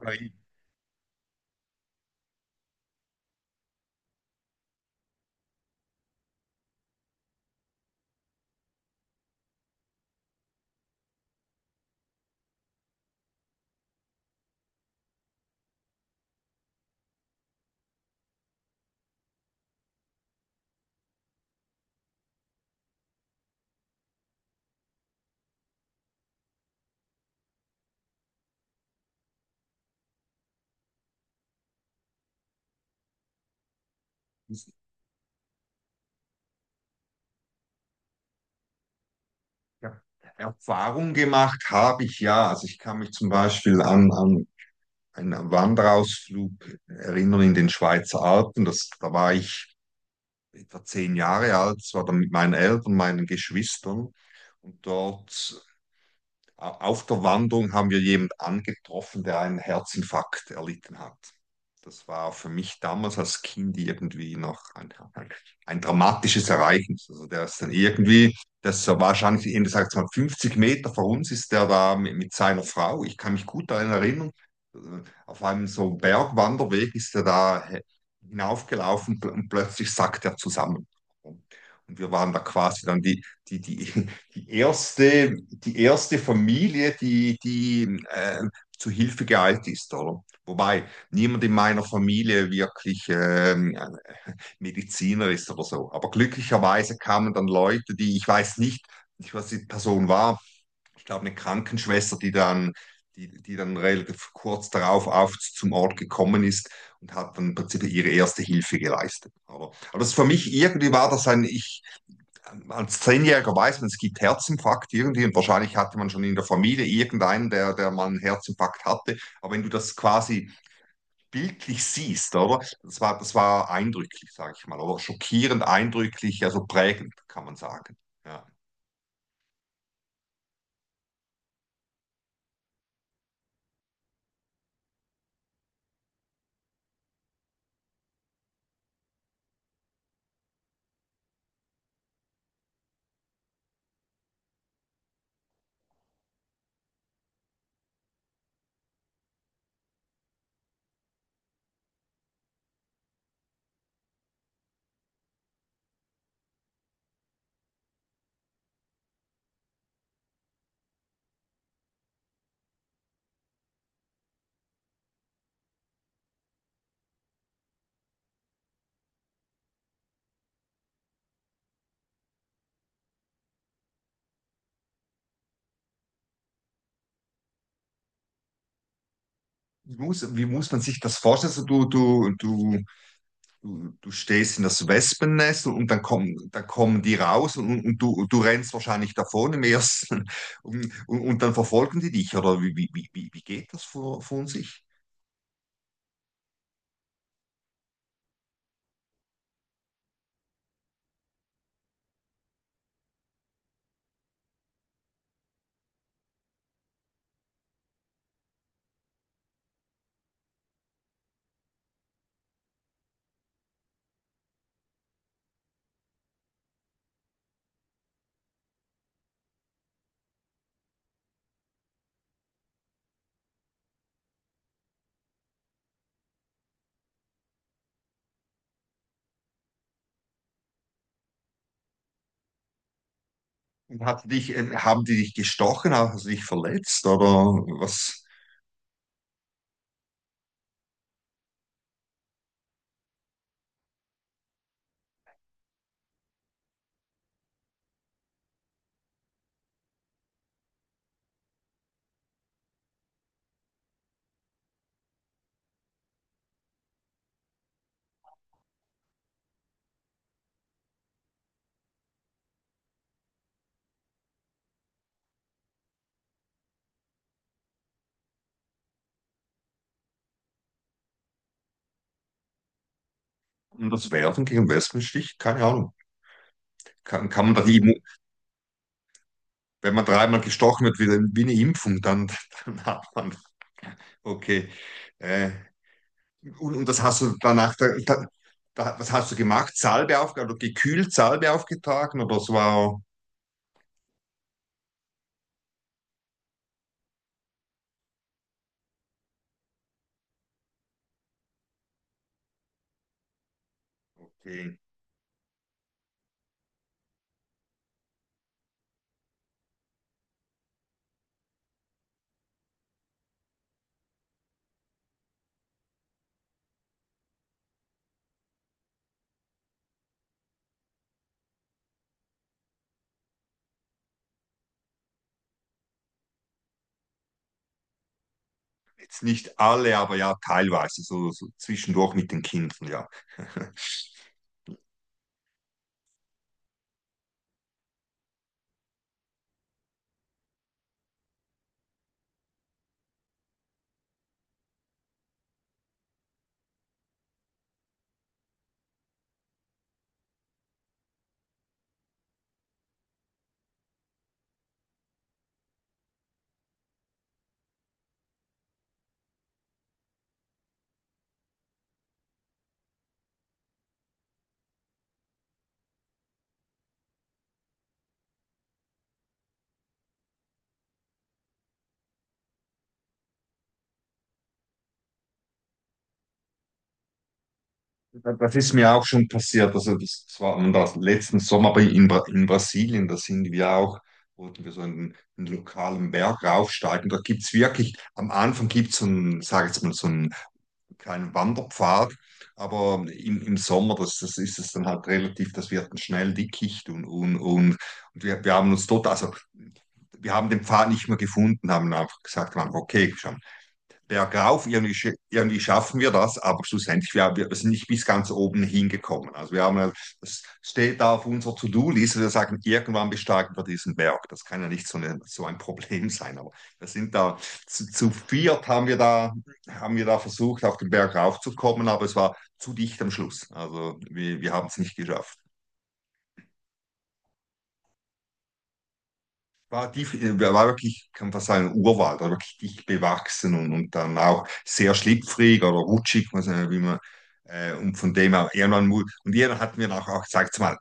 Weil ich hab Erfahrung gemacht habe ich ja. Also ich kann mich zum Beispiel an einen Wanderausflug erinnern in den Schweizer Alpen. Da war ich etwa 10 Jahre alt, das war dann mit meinen Eltern, meinen Geschwistern. Und dort Auf der Wanderung haben wir jemanden angetroffen, der einen Herzinfarkt erlitten hat. Das war für mich damals als Kind irgendwie noch ein dramatisches Ereignis. Also der ist dann irgendwie, das war wahrscheinlich, eben sagt mal, 50 Meter vor uns ist der da mit seiner Frau. Ich kann mich gut daran erinnern. Auf einem so Bergwanderweg ist er da hinaufgelaufen und plötzlich sackt er zusammen. Und wir waren da quasi dann die, die, die erste Familie, die zu Hilfe geeilt ist, oder? Wobei niemand in meiner Familie wirklich Mediziner ist oder so. Aber glücklicherweise kamen dann Leute, die, ich weiß nicht, was die Person war, ich glaube eine Krankenschwester, die dann relativ kurz darauf auf zum Ort gekommen ist und hat dann im Prinzip ihre erste Hilfe geleistet. Aber das ist für mich irgendwie war das ein, ich, als Zehnjähriger weiß man, es gibt Herzinfarkt irgendwie und wahrscheinlich hatte man schon in der Familie irgendeinen, der mal einen Herzinfarkt hatte. Aber wenn du das quasi bildlich siehst, oder? Das war eindrücklich, sage ich mal, oder schockierend eindrücklich, also prägend, kann man sagen. Ja. Wie muss man sich das vorstellen? Also du stehst in das Wespennest, und dann kommen die raus, und du rennst wahrscheinlich davon im ersten und dann verfolgen die dich, oder wie geht das vor, von sich? Haben die dich gestochen, hast du dich verletzt oder was? Und das Werfen gegen Wespenstich? Keine Ahnung. Kann man da die, wenn man dreimal gestochen wird, wie eine Impfung, dann, dann hat man, okay, äh, und das hast du danach, was hast du gemacht? Salbe aufgetragen oder gekühlt Salbe aufgetragen? Oder es war, okay, jetzt nicht alle, aber ja, teilweise, so, so zwischendurch mit den Kindern, ja. Das ist mir auch schon passiert. Also das war das letzten Sommer aber in, in Brasilien. Da sind wir auch, wollten wir so einen lokalen Berg raufsteigen. Da gibt es wirklich, am Anfang gibt es so einen, sag jetzt mal, so einen kleinen Wanderpfad. Aber im Sommer, das ist es dann halt relativ, das wird dann schnell dickicht und wir haben uns dort, also wir haben den Pfad nicht mehr gefunden, haben einfach gesagt, wir haben, okay, bergauf, irgendwie, irgendwie schaffen wir das, aber schlussendlich, wir sind nicht bis ganz oben hingekommen. Also wir haben, ja, das steht da auf unserer To-Do-Liste, wir sagen, irgendwann besteigen wir diesen Berg. Das kann ja nicht so, eine, so ein Problem sein, aber wir sind da, zu viert haben wir da versucht, auf den Berg raufzukommen, aber es war zu dicht am Schluss. Also wir haben es nicht geschafft. war, die, war wirklich, kann man sagen, Urwald, war wirklich dicht bewachsen, und dann auch sehr schlüpfrig oder rutschig, weiß nicht, wie man, und von dem her, irgendwann, und irgendwann hatten wir auch, sag's mal,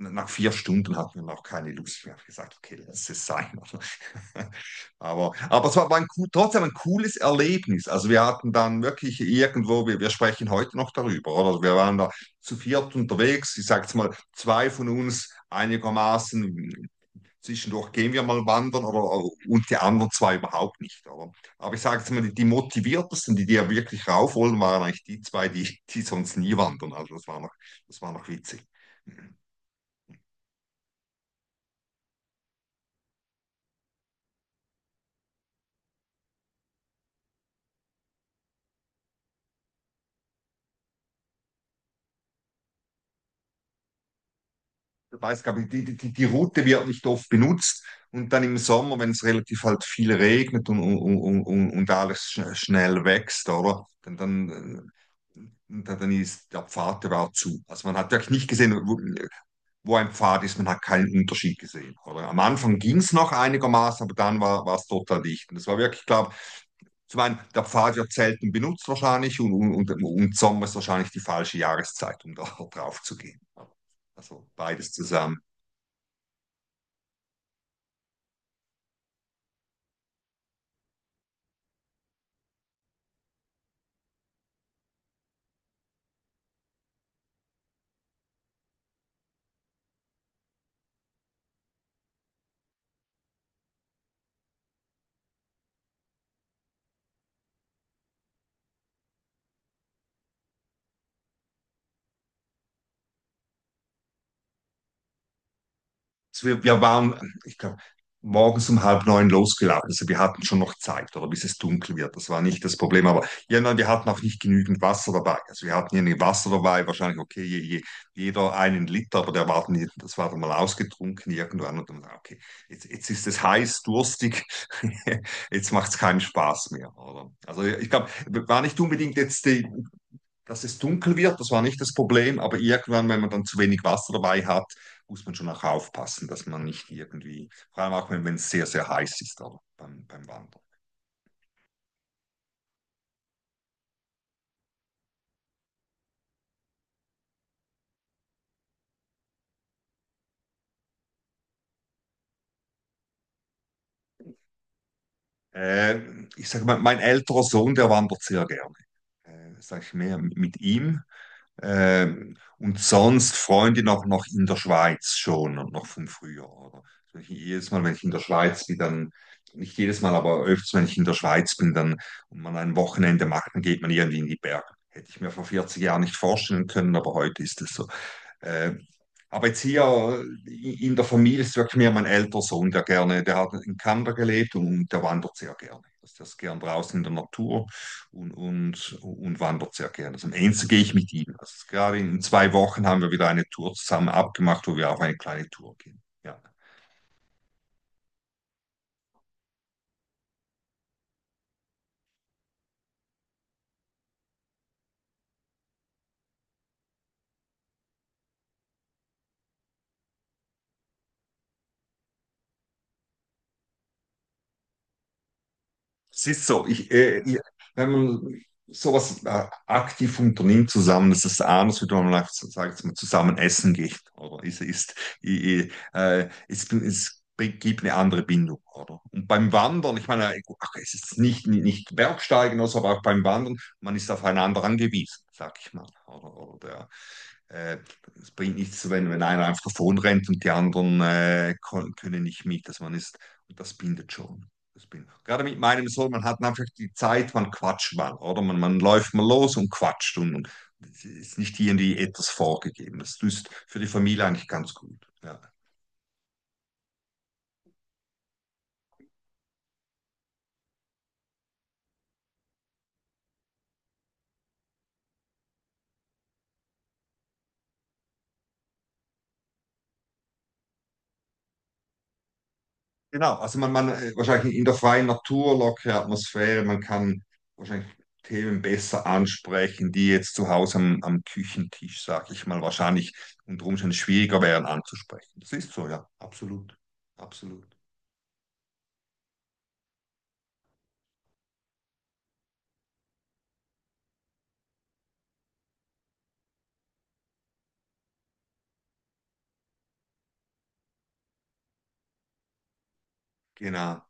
nach 4 Stunden hatten wir noch keine Lust mehr. Ich habe gesagt, okay, lass es sein. Aber es war trotzdem ein cooles Erlebnis. Also wir hatten dann wirklich irgendwo, wir sprechen heute noch darüber, oder? Wir waren da zu viert unterwegs, ich sag's mal, zwei von uns einigermaßen zwischendurch gehen wir mal wandern oder, und die anderen zwei überhaupt nicht. Oder? Aber ich sage jetzt mal, die motiviertesten, die ja wirklich rauf wollen, waren eigentlich die zwei, die sonst nie wandern. Also das war noch witzig. Weiß, glaube ich, die Route wird nicht oft benutzt, und dann im Sommer, wenn es relativ halt viel regnet und alles schnell wächst, oder? Dann, und dann ist der Pfad, der war zu. Also man hat wirklich nicht gesehen, wo, wo ein Pfad ist, man hat keinen Unterschied gesehen. Oder am Anfang ging es noch einigermaßen, aber dann war es total dicht. Und das war wirklich, ich glaube, zum einen, der Pfad wird selten benutzt wahrscheinlich, und Sommer ist wahrscheinlich die falsche Jahreszeit, um da drauf zu gehen. Also beides zusammen. Also wir waren, ich glaube, morgens um halb neun losgelaufen. Also wir hatten schon noch Zeit, oder bis es dunkel wird. Das war nicht das Problem. Aber ja, nein, wir hatten auch nicht genügend Wasser dabei. Also wir hatten irgendwie Wasser dabei, wahrscheinlich, okay, jeder 1 Liter, aber der war dann, das war dann mal ausgetrunken irgendwann. Und dann, okay, jetzt ist es heiß, durstig, jetzt macht es keinen Spaß mehr, oder? Also ich glaube, war nicht unbedingt jetzt die, dass es dunkel wird, das war nicht das Problem, aber irgendwann, wenn man dann zu wenig Wasser dabei hat, muss man schon auch aufpassen, dass man nicht irgendwie, vor allem auch wenn es sehr, sehr heiß ist aber beim Wandern. Äh, ich sage mal, mein älterer Sohn, der wandert sehr gerne. Sage ich mehr mit ihm. Und sonst Freundin auch noch in der Schweiz schon und noch von früher, oder? Also ich, jedes Mal, wenn ich in der Schweiz bin, dann, nicht jedes Mal, aber öfters, wenn ich in der Schweiz bin, dann und man ein Wochenende macht, dann geht man irgendwie in die Berge. Hätte ich mir vor 40 Jahren nicht vorstellen können, aber heute ist es so. Äh, aber jetzt hier in der Familie ist wirklich mehr mein älterer Sohn, der gerne, der hat in Kanada gelebt und der wandert sehr gerne. Also der ist gern draußen in der Natur und wandert sehr gerne. Also am Ende gehe ich mit ihm. Also gerade in 2 Wochen haben wir wieder eine Tour zusammen abgemacht, wo wir auf eine kleine Tour gehen. Ja. Es ist so, ich, wenn man sowas aktiv unternimmt zusammen, das ist anders, wie man sagt, sagt man zusammen essen geht, oder? Es ist, es gibt eine andere Bindung, oder? Und beim Wandern, ich meine, ach, es ist nicht Bergsteigen, also, aber auch beim Wandern, man ist aufeinander angewiesen, sag ich mal, oder? Oder ja. Äh, es bringt nichts, wenn, wenn einer einfach davon rennt und die anderen können nicht mit. Dass man ist, und das bindet schon. Das bindet. Gerade mit meinem Sohn, man hat einfach die Zeit, man quatscht mal, oder? Man läuft mal los und quatscht, und es ist nicht irgendwie etwas vorgegeben. Das ist für die Familie eigentlich ganz gut. Ja. Genau, also man wahrscheinlich in der freien Natur, lockere Atmosphäre, man kann wahrscheinlich Themen besser ansprechen, die jetzt zu Hause am Küchentisch, sag ich mal, wahrscheinlich unter Umständen schwieriger wären anzusprechen. Das ist so, ja, absolut, absolut. Genau.